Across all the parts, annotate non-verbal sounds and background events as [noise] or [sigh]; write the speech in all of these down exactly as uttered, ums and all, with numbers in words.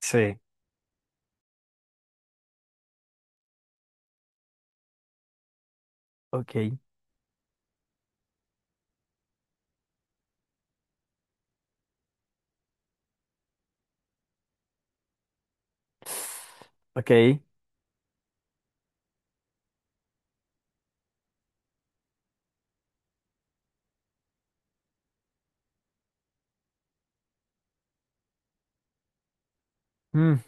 Sí. Ok. Ok. Mm,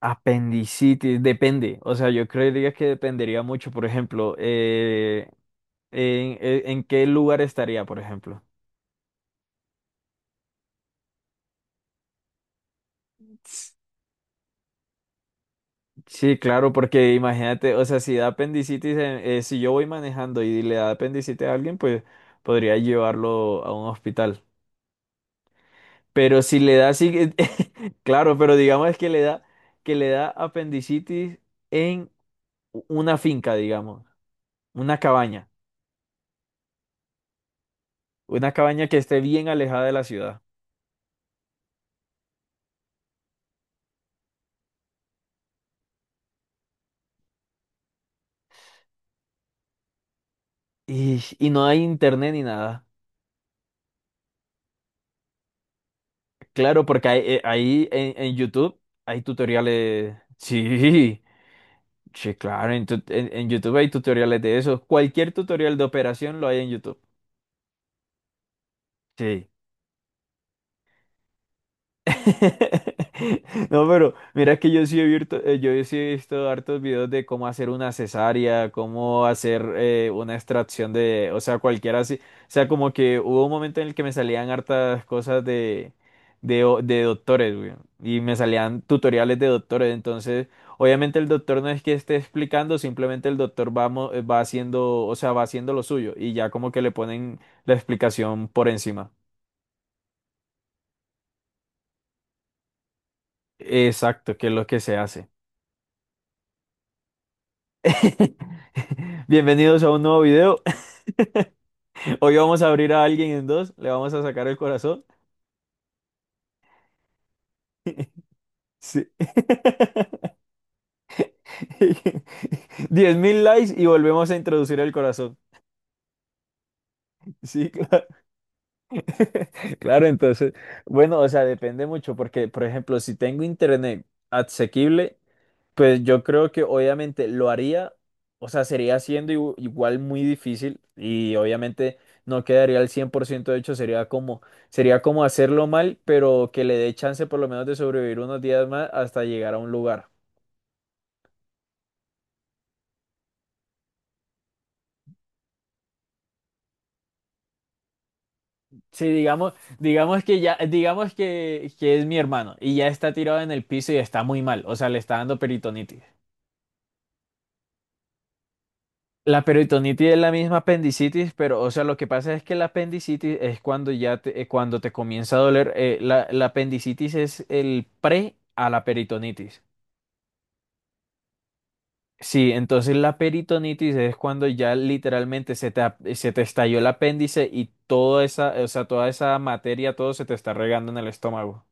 apendicitis, depende. O sea, yo creería que dependería mucho, por ejemplo, eh, en, en- en qué lugar estaría, por ejemplo. S- Sí, claro, porque imagínate, o sea, si da apendicitis, en- eh, si yo voy manejando y le da apendicitis a alguien, pues podría llevarlo a un hospital. Pero si le da así, que- [laughs] claro, pero digamos que le da, que le da apendicitis en u- una finca, digamos, una cabaña. Una cabaña que esté bien alejada de la ciudad. Y, y no hay internet ni nada. Claro, porque hay- eh, ahí en, en YouTube hay tutoriales. [laughs] Sí, sí, claro. En, tu- en- en YouTube hay tutoriales de eso. Cualquier tutorial de operación lo hay en YouTube. Sí. [laughs] No, pero mira que yo sí he visto, yo sí he visto hartos videos de cómo hacer una cesárea, cómo hacer eh, una extracción de, o sea, cualquiera así. O sea, como que hubo un momento en el que me salían hartas cosas de, de, o- de doctores, güey, y me salían tutoriales de doctores. Entonces, obviamente el doctor no es que esté explicando, simplemente el doctor va, mo- eh, va haciendo, o sea, va haciendo lo suyo y ya como que le ponen la explicación por encima. Exacto, que es lo que se hace. [laughs] Bienvenidos a un nuevo video. [laughs] Hoy vamos a abrir a alguien en dos, le vamos a sacar el corazón. Sí. [laughs] Diez mil likes y volvemos a introducir el corazón. Sí, claro. [laughs] Claro, entonces, bueno, o sea, depende mucho porque, por ejemplo, si tengo internet asequible. Pues yo creo que obviamente lo haría, o sea, sería siendo igu- igual muy difícil y obviamente no quedaría al cien por ciento hecho, sería como, sería como hacerlo mal, pero que le dé chance por lo menos de sobrevivir unos días más hasta llegar a un lugar. Sí, digamos, digamos que ya, digamos que, que es mi hermano y ya está tirado en el piso y está muy mal, o sea, le está dando peritonitis. La peritonitis es la misma apendicitis, pero, o sea, lo que pasa es que la apendicitis es cuando ya te, eh, cuando te comienza a doler. eh, la, la apendicitis es el pre a la peritonitis. Sí, entonces la peritonitis es cuando ya literalmente se te, ap- se te estalló el apéndice y toda esa, o sea, toda esa materia, todo se te está regando en el estómago.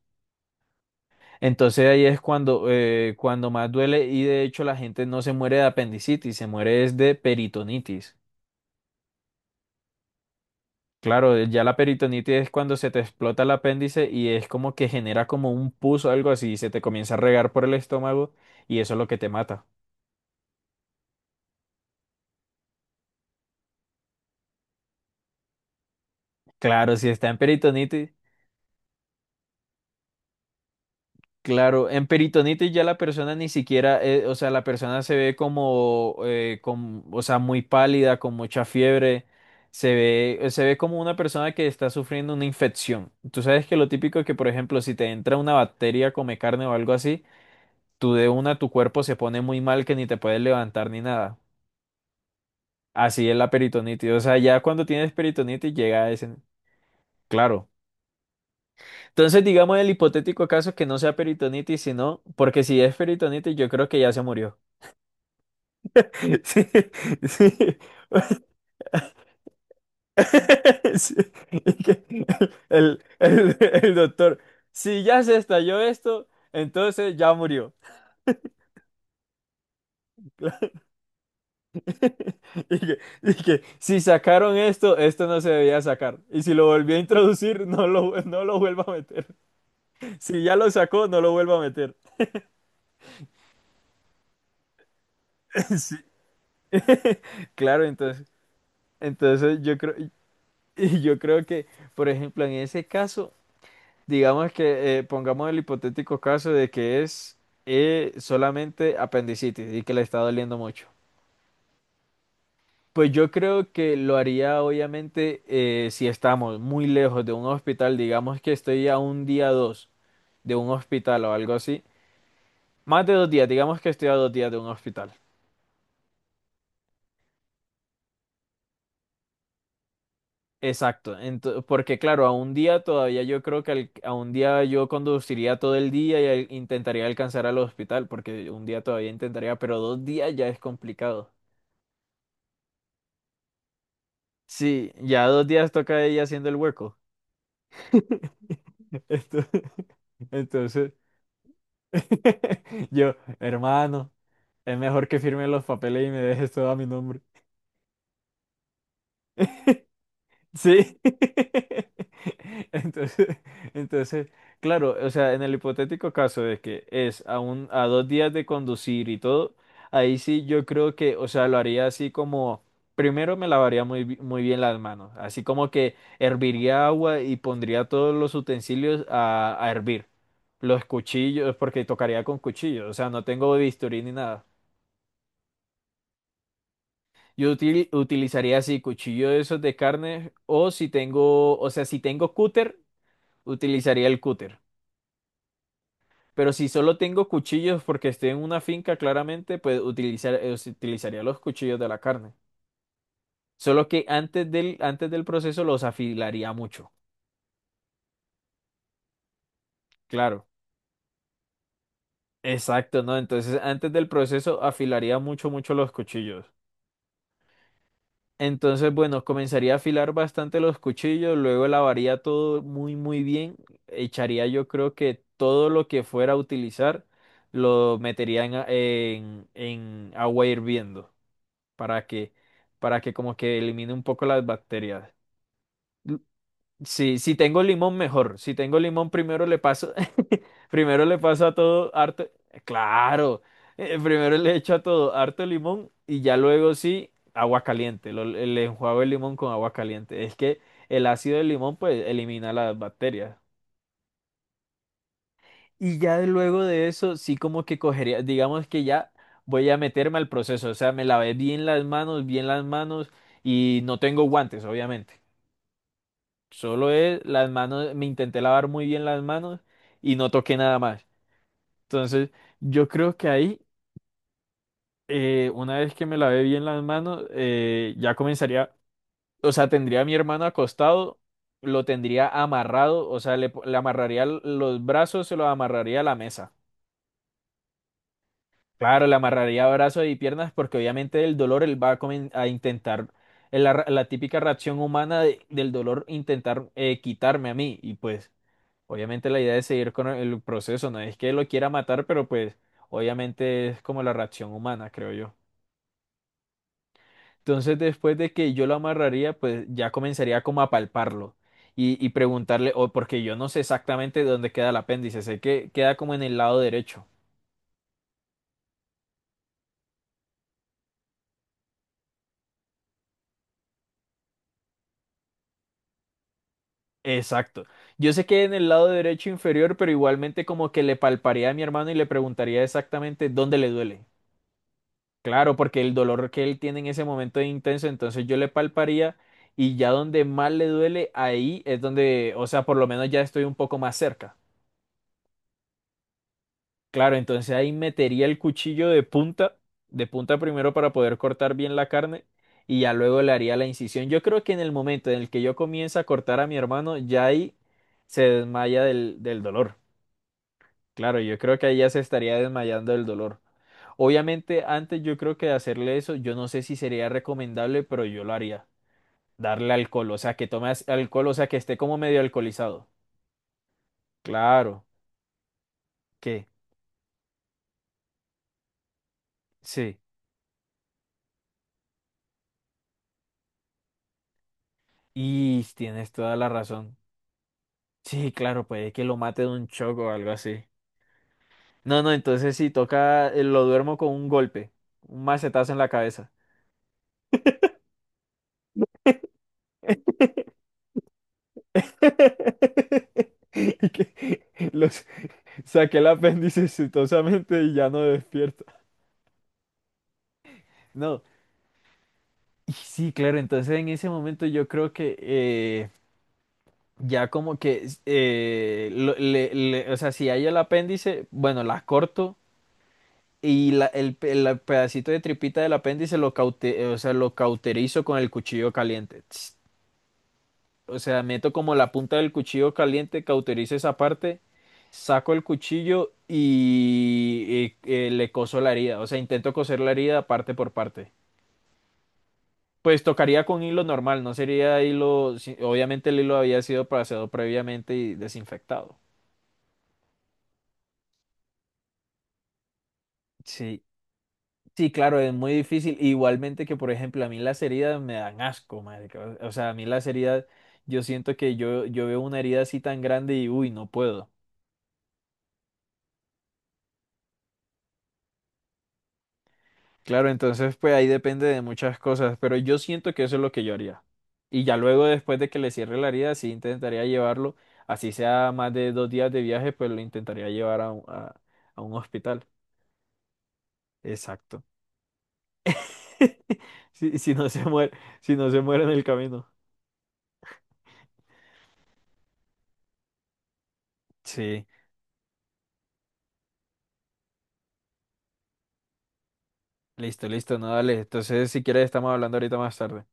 Entonces ahí es cuando, eh, cuando más duele y de hecho la gente no se muere de apendicitis, se muere es de peritonitis. Claro, eh, ya la peritonitis es cuando se te explota el apéndice y es como que genera como un pus o algo así, y se te comienza a regar por el estómago y eso es lo que te mata. Claro, si está en peritonitis, claro, en peritonitis ya la persona ni siquiera, eh, o sea, la persona se ve como, eh, com- o sea, muy pálida, con mucha fiebre, se ve, eh, se ve como una persona que está sufriendo una infección. Tú sabes que lo típico es que, por ejemplo, si te entra una bacteria, come carne o algo así, tú de una tu cuerpo se pone muy mal que ni te puedes levantar ni nada. Así es la peritonitis. O sea, ya cuando tienes peritonitis llega a ese. Claro. Entonces, digamos el hipotético caso que no sea peritonitis, sino, porque si es peritonitis, yo creo que ya se murió. [laughs] Sí, sí. [laughs] Sí. Y que El, el, el doctor, si ya se estalló esto, entonces ya murió. [laughs] [laughs] Y que, y que si sacaron esto, esto no se debía sacar. Y si lo volvió a introducir, no lo, no lo vuelva a meter. Si ya lo sacó, no lo vuelva a meter. [laughs] Sí. [laughs] Claro, entonces, entonces yo creo, y yo creo que, por ejemplo, en ese caso, digamos que eh, pongamos el hipotético caso de que es eh, solamente apendicitis y que le está doliendo mucho. Pues yo creo que lo haría obviamente eh, si estamos muy lejos de un hospital, digamos que estoy a un día o dos de un hospital o algo así, más de dos días, digamos que estoy a dos días de un hospital. Exacto, ento- porque claro, a un día todavía yo creo que al- a un día yo conduciría todo el día y al- intentaría alcanzar al hospital, porque un día todavía intentaría, pero dos días ya es complicado. Sí, ya dos días toca ella haciendo el hueco. [laughs] Esto- Entonces, [laughs] yo, hermano. Es mejor que firme los papeles y me dejes todo a mi nombre. Sí. [laughs] Entonces, entonces, claro, o sea, en el hipotético caso de que es a un, a dos días de conducir y todo, ahí sí yo creo que, o sea, lo haría así como, primero me lavaría muy, bi- muy bien las manos, así como que herviría agua y pondría todos los utensilios a, a hervir, los cuchillos, porque tocaría con cuchillos, o sea, no tengo bisturí ni nada. Yo util- utilizaría así cuchillo de esos de carne o si tengo, o sea, si tengo cúter, utilizaría el cúter. Pero si solo tengo cuchillos porque estoy en una finca, claramente, pues utilizar, eh, us- utilizaría los cuchillos de la carne. Solo que antes del, antes del proceso los afilaría mucho. Claro. Exacto, ¿no? Entonces, antes del proceso afilaría mucho, mucho los cuchillos. Entonces, bueno, comenzaría a afilar bastante los cuchillos, luego lavaría todo muy, muy bien. Echaría yo creo que todo lo que fuera a utilizar lo metería en, a- en- en agua hirviendo para que, para que como que elimine un poco las bacterias. Sí, si tengo limón, mejor. Si tengo limón, primero le paso, [laughs] primero le paso a todo harto, claro, eh, primero le echo a todo harto limón y ya luego sí, agua caliente. Lo- le enjuago el limón con agua caliente. Es que el ácido del limón pues elimina las bacterias. Y ya de luego de eso, sí como que cogería, digamos que ya voy a meterme al proceso, o sea, me lavé bien las manos, bien las manos y no tengo guantes, obviamente. Solo es las manos, me intenté lavar muy bien las manos y no toqué nada más. Entonces, yo creo que ahí, eh, una vez que me lavé bien las manos, eh, ya comenzaría, o sea, tendría a mi hermano acostado, lo tendría amarrado, o sea, le, po- le amarraría l- los brazos, se los amarraría a la mesa. Claro, le amarraría brazos y piernas porque obviamente el dolor él va a, comen- a intentar, eh, la, ra- la típica reacción humana de- del dolor, intentar eh, quitarme a mí y pues. Obviamente la idea es seguir con el proceso, no es que lo quiera matar, pero pues obviamente es como la reacción humana, creo yo. Entonces después de que yo lo amarraría, pues ya comenzaría como a palparlo y, y preguntarle, o porque yo no sé exactamente dónde queda el apéndice, sé que queda como en el lado derecho. Exacto. Yo sé que en el lado derecho inferior, pero igualmente como que le palparía a mi hermano y le preguntaría exactamente dónde le duele. Claro, porque el dolor que él tiene en ese momento es intenso, entonces yo le palparía y ya donde más le duele, ahí es donde, o sea, por lo menos ya estoy un poco más cerca. Claro, entonces ahí metería el cuchillo de punta, de punta primero para poder cortar bien la carne y ya luego le haría la incisión. Yo creo que en el momento en el que yo comienza a cortar a mi hermano, ya ahí se desmaya del, del dolor. Claro, yo creo que ahí ya se estaría desmayando del dolor. Obviamente, antes yo creo que de hacerle eso, yo no sé si sería recomendable, pero yo lo haría. Darle alcohol, o sea, que tome as- alcohol, o sea, que esté como medio alcoholizado. Claro, que sí. Y tienes toda la razón. Sí, claro, puede que lo mate de un choco o algo así. No, no, entonces sí, toca, eh, lo duermo con un golpe, un macetazo en la cabeza. [laughs] Y que los saqué el apéndice exitosamente y ya no despierta. No. Y sí, claro, entonces en ese momento yo creo que eh, ya como que eh, lo- le- le- o sea, si hay el apéndice, bueno, las corto y la- el, pe- el pedacito de tripita del apéndice lo caute- o sea, lo cauterizo con el cuchillo caliente. O sea, meto como la punta del cuchillo caliente, cauterizo esa parte, saco el cuchillo y, eh, eh, le coso la herida. O sea, intento coser la herida parte por parte. Pues tocaría con hilo normal, no sería hilo. si- Obviamente el hilo había sido pasado previamente y desinfectado. Sí, sí, claro, es muy difícil. Igualmente que, por ejemplo, a mí las heridas me dan asco, marica. O o sea, a mí las heridas, yo siento que yo, yo veo una herida así tan grande y uy, no puedo. Claro, entonces pues ahí depende de muchas cosas, pero yo siento que eso es lo que yo haría. Y ya luego después de que le cierre la herida, sí intentaría llevarlo, así sea más de dos días de viaje, pues lo intentaría llevar a, un- a, a un hospital. Exacto. [laughs] Si, si no se muere, si no se muere en el camino. Sí, listo, listo, no, dale. Entonces, si quieres, estamos hablando ahorita más tarde.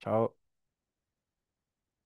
Chao.